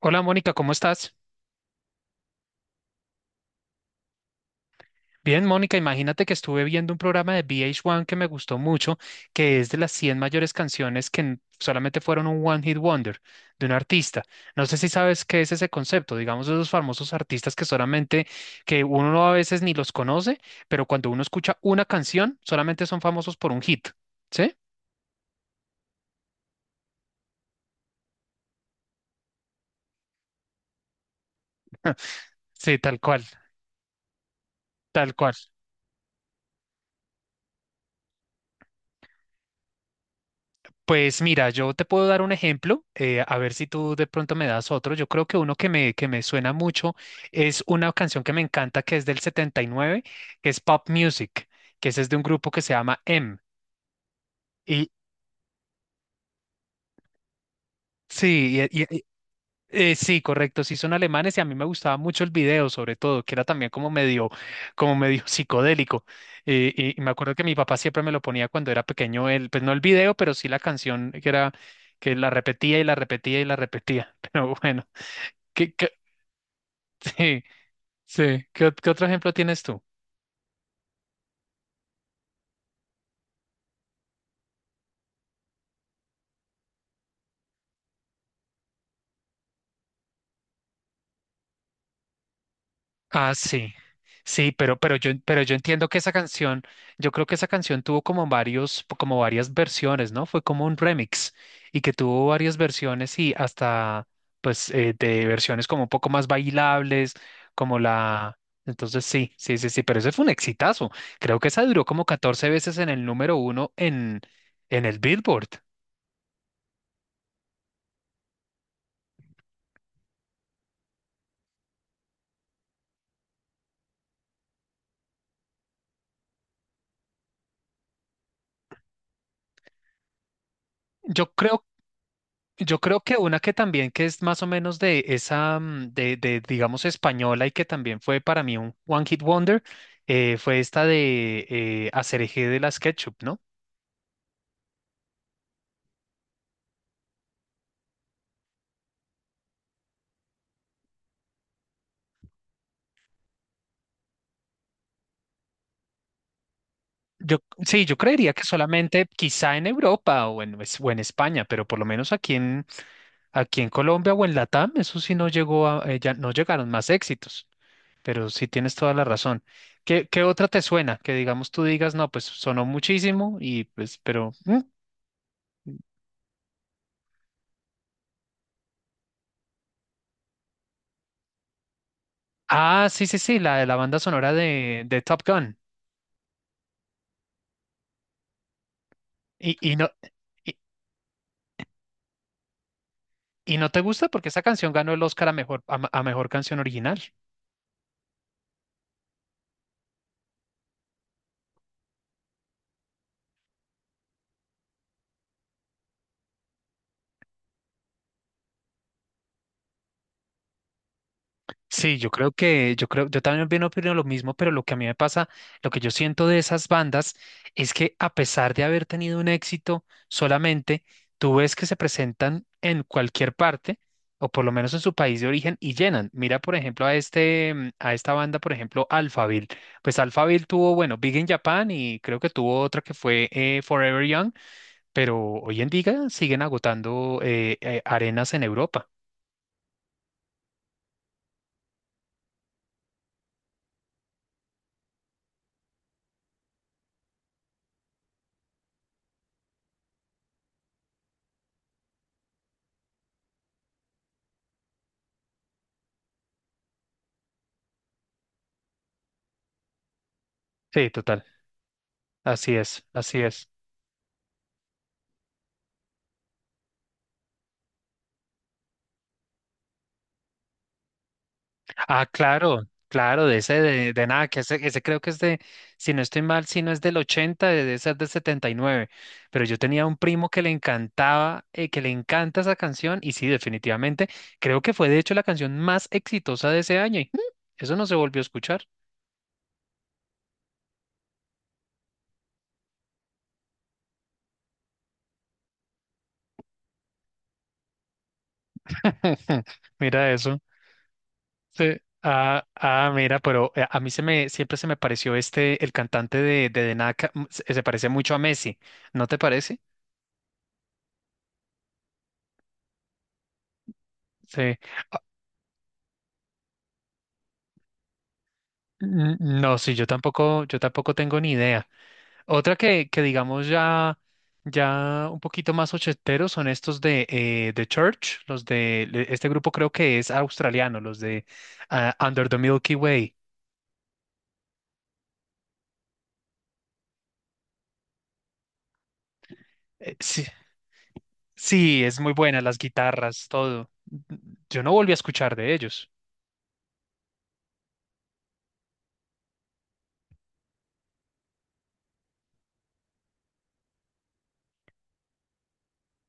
Hola Mónica, ¿cómo estás? Bien, Mónica, imagínate que estuve viendo un programa de VH1 que me gustó mucho, que es de las 100 mayores canciones que solamente fueron un One Hit Wonder de un artista. No sé si sabes qué es ese concepto, digamos, esos famosos artistas que solamente, que uno no a veces ni los conoce, pero cuando uno escucha una canción, solamente son famosos por un hit, ¿sí? Sí, tal cual, tal cual. Pues mira, yo te puedo dar un ejemplo, a ver si tú de pronto me das otro. Yo creo que uno que me suena mucho es una canción que me encanta, que es del 79, que es Pop Music, que ese es de un grupo que se llama M. Y sí, sí, correcto, sí son alemanes y a mí me gustaba mucho el video, sobre todo, que era también como medio psicodélico. Y me acuerdo que mi papá siempre me lo ponía cuando era pequeño, el, pues no el video, pero sí la canción que era, que la repetía y la repetía y la repetía. Pero bueno. ¿Qué, qué- sí, sí. ¿Qué, qué otro ejemplo tienes tú? Ah, sí. Sí, pero yo entiendo que esa canción, yo creo que esa canción tuvo como varias versiones, ¿no? Fue como un remix y que tuvo varias versiones y hasta, pues, de versiones como un poco más bailables, como la... Entonces sí, sí, sí, sí, pero ese fue un exitazo. Creo que esa duró como 14 veces en el número uno en el Billboard. Yo creo Yo creo que una que también que es más o menos de esa, digamos, española y que también fue para mí un One Hit Wonder, fue esta de Aserejé de la SketchUp, ¿no? Yo, sí, yo creería que solamente quizá en Europa o en España, pero por lo menos aquí en, aquí en Colombia o en Latam, eso sí no llegó a, ya no llegaron más éxitos, pero sí tienes toda la razón. ¿Qué, qué otra te suena? Que digamos tú digas, no, pues sonó muchísimo y pues, pero... mm, Ah, sí, sí, sí, la de la banda sonora de Top Gun. Y, y no, y, y no te gusta porque esa canción ganó el Oscar a mejor, a mejor canción original. Sí, yo creo, yo también bien opino lo mismo, pero lo que a mí me pasa, lo que yo siento de esas bandas es que a pesar de haber tenido un éxito solamente, tú ves que se presentan en cualquier parte, o por lo menos en su país de origen, y llenan. Mira, por ejemplo, a esta banda, por ejemplo, Alphaville. Pues Alphaville tuvo, bueno, Big in Japan y creo que tuvo otra que fue Forever Young, pero hoy en día siguen agotando arenas en Europa. Sí, total. Así es, así es. Ah, claro, claro, de ese de nada, ese creo que es de, si no estoy mal, si no es del 80, debe ser del 79. Pero yo tenía un primo que le encantaba, que le encanta esa canción y sí, definitivamente, creo que fue de hecho la canción más exitosa de ese año y mm, eso no se volvió a escuchar. Mira eso. Sí. Ah, ah, mira, pero a mí se me, siempre se me pareció este, el cantante de, The Knack, mm, se parece mucho a Messi, ¿no te parece? Sí. Mm, no, sí, yo tampoco tengo ni idea. Otra que digamos ya, ya un poquito más ochenteros son estos de The Church, los de este grupo creo que es australiano, los de ah, Under the Milky Way. Sí, sí, es muy buena, las guitarras, todo. Yo no volví a escuchar de ellos.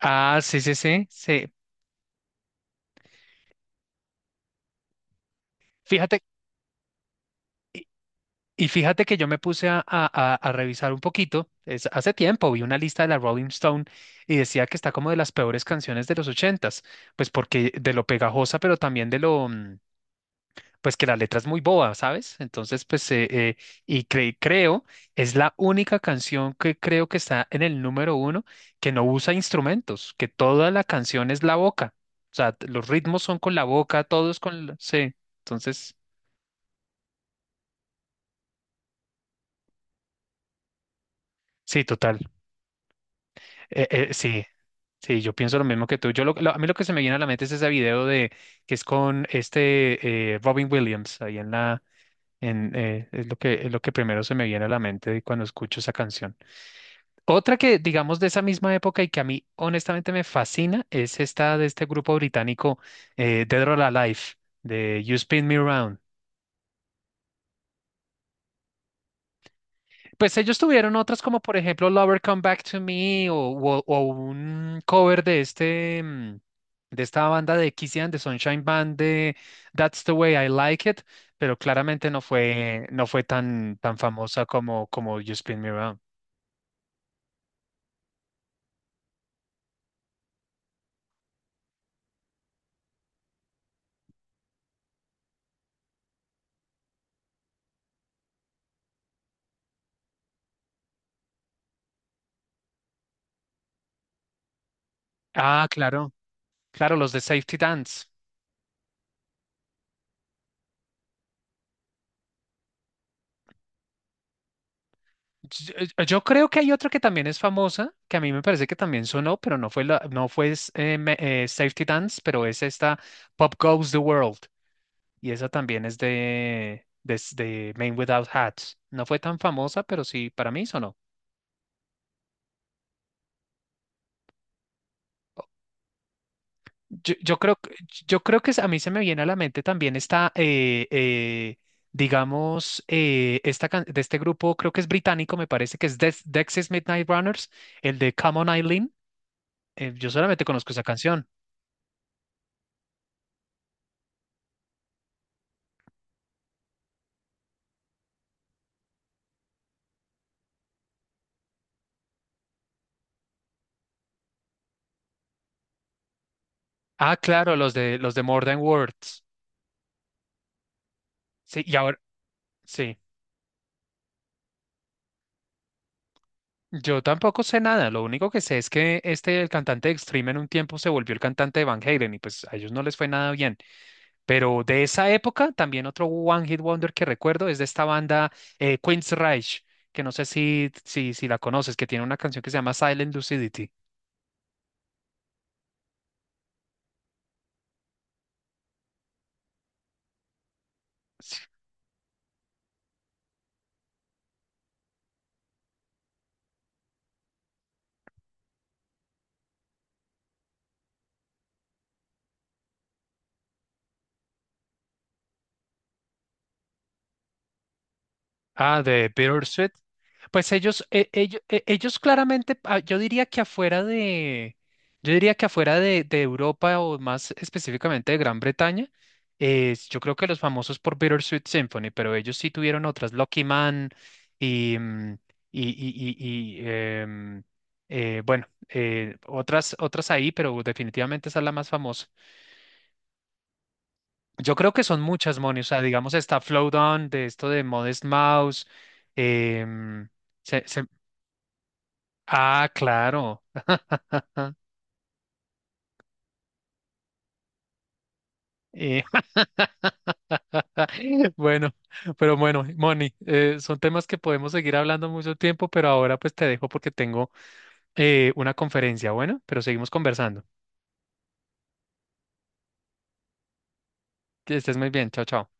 Ah, sí, sí, sí, sí. Fíjate. Y fíjate que yo me puse a, a revisar un poquito, hace tiempo vi una lista de la Rolling Stone y decía que está como de las peores canciones de los ochentas, pues porque de lo pegajosa, pero también de lo, mm, pues que la letra es muy boba, ¿sabes? Entonces, pues, creo, es la única canción que creo que está en el número uno que no usa instrumentos, que toda la canción es la boca, o sea, los ritmos son con la boca, todos con, sí, entonces, sí, total. Sí, sí, yo pienso lo mismo que tú. Yo a mí lo que se me viene a la mente es ese video de que es con este Robin Williams ahí en la en es lo que primero se me viene a la mente cuando escucho esa canción. Otra que digamos de esa misma época y que a mí honestamente me fascina es esta de este grupo británico Dead or Alive de You Spin Me Round. Pues ellos tuvieron otras como por ejemplo Lover Come Back to Me o un cover de este mm, de esta banda de Kissy and the Sunshine Band de That's the Way I Like It, pero claramente no fue tan tan famosa como como You Spin Me Round. Ah, claro, claro, los de Safety Dance. Yo, creo que hay otra que también es famosa, que a mí me parece que también sonó, pero no fue la- no fue es- me- Safety Dance, pero es esta Pop Goes the World. Y esa también es de, de Men Without Hats. No fue tan famosa, pero sí, para mí sonó. Yo, yo creo, que- yo creo que a mí se me viene a la mente también esta, digamos, esta, de este grupo, creo que es británico, me parece que es Dexys Midnight Runners, el de Come On Eileen. Yo solamente conozco esa canción. Ah, claro, los de More Than Words. Sí, y ahora, sí, yo tampoco sé nada, lo único que sé es que este, el cantante de Extreme en un tiempo se volvió el cantante de Van Halen y pues a ellos no les fue nada bien, pero de esa época también otro One Hit Wonder que recuerdo es de esta banda Queen's Rage, que no sé si la conoces, que tiene una canción que se llama Silent Lucidity. Ah, de Bittersweet. Pues ellos claramente, ah, yo diría que afuera de, yo diría que afuera de Europa o más específicamente de Gran Bretaña, yo creo que los famosos por Bittersweet Symphony, pero ellos sí tuvieron otras, Lucky Man y, mm, y, y, y- y, em, bueno, otras, otras ahí, pero definitivamente esa es la más famosa. Yo creo que son muchas, Moni. O sea, digamos, está Flowdown, de esto de Modest Mouse. em, se- se- ah, claro. Eh, bueno, pero bueno, Moni, son temas que podemos seguir hablando mucho tiempo, pero ahora pues te dejo porque tengo una conferencia. Bueno, pero seguimos conversando. Que estés muy bien. Chao, chao.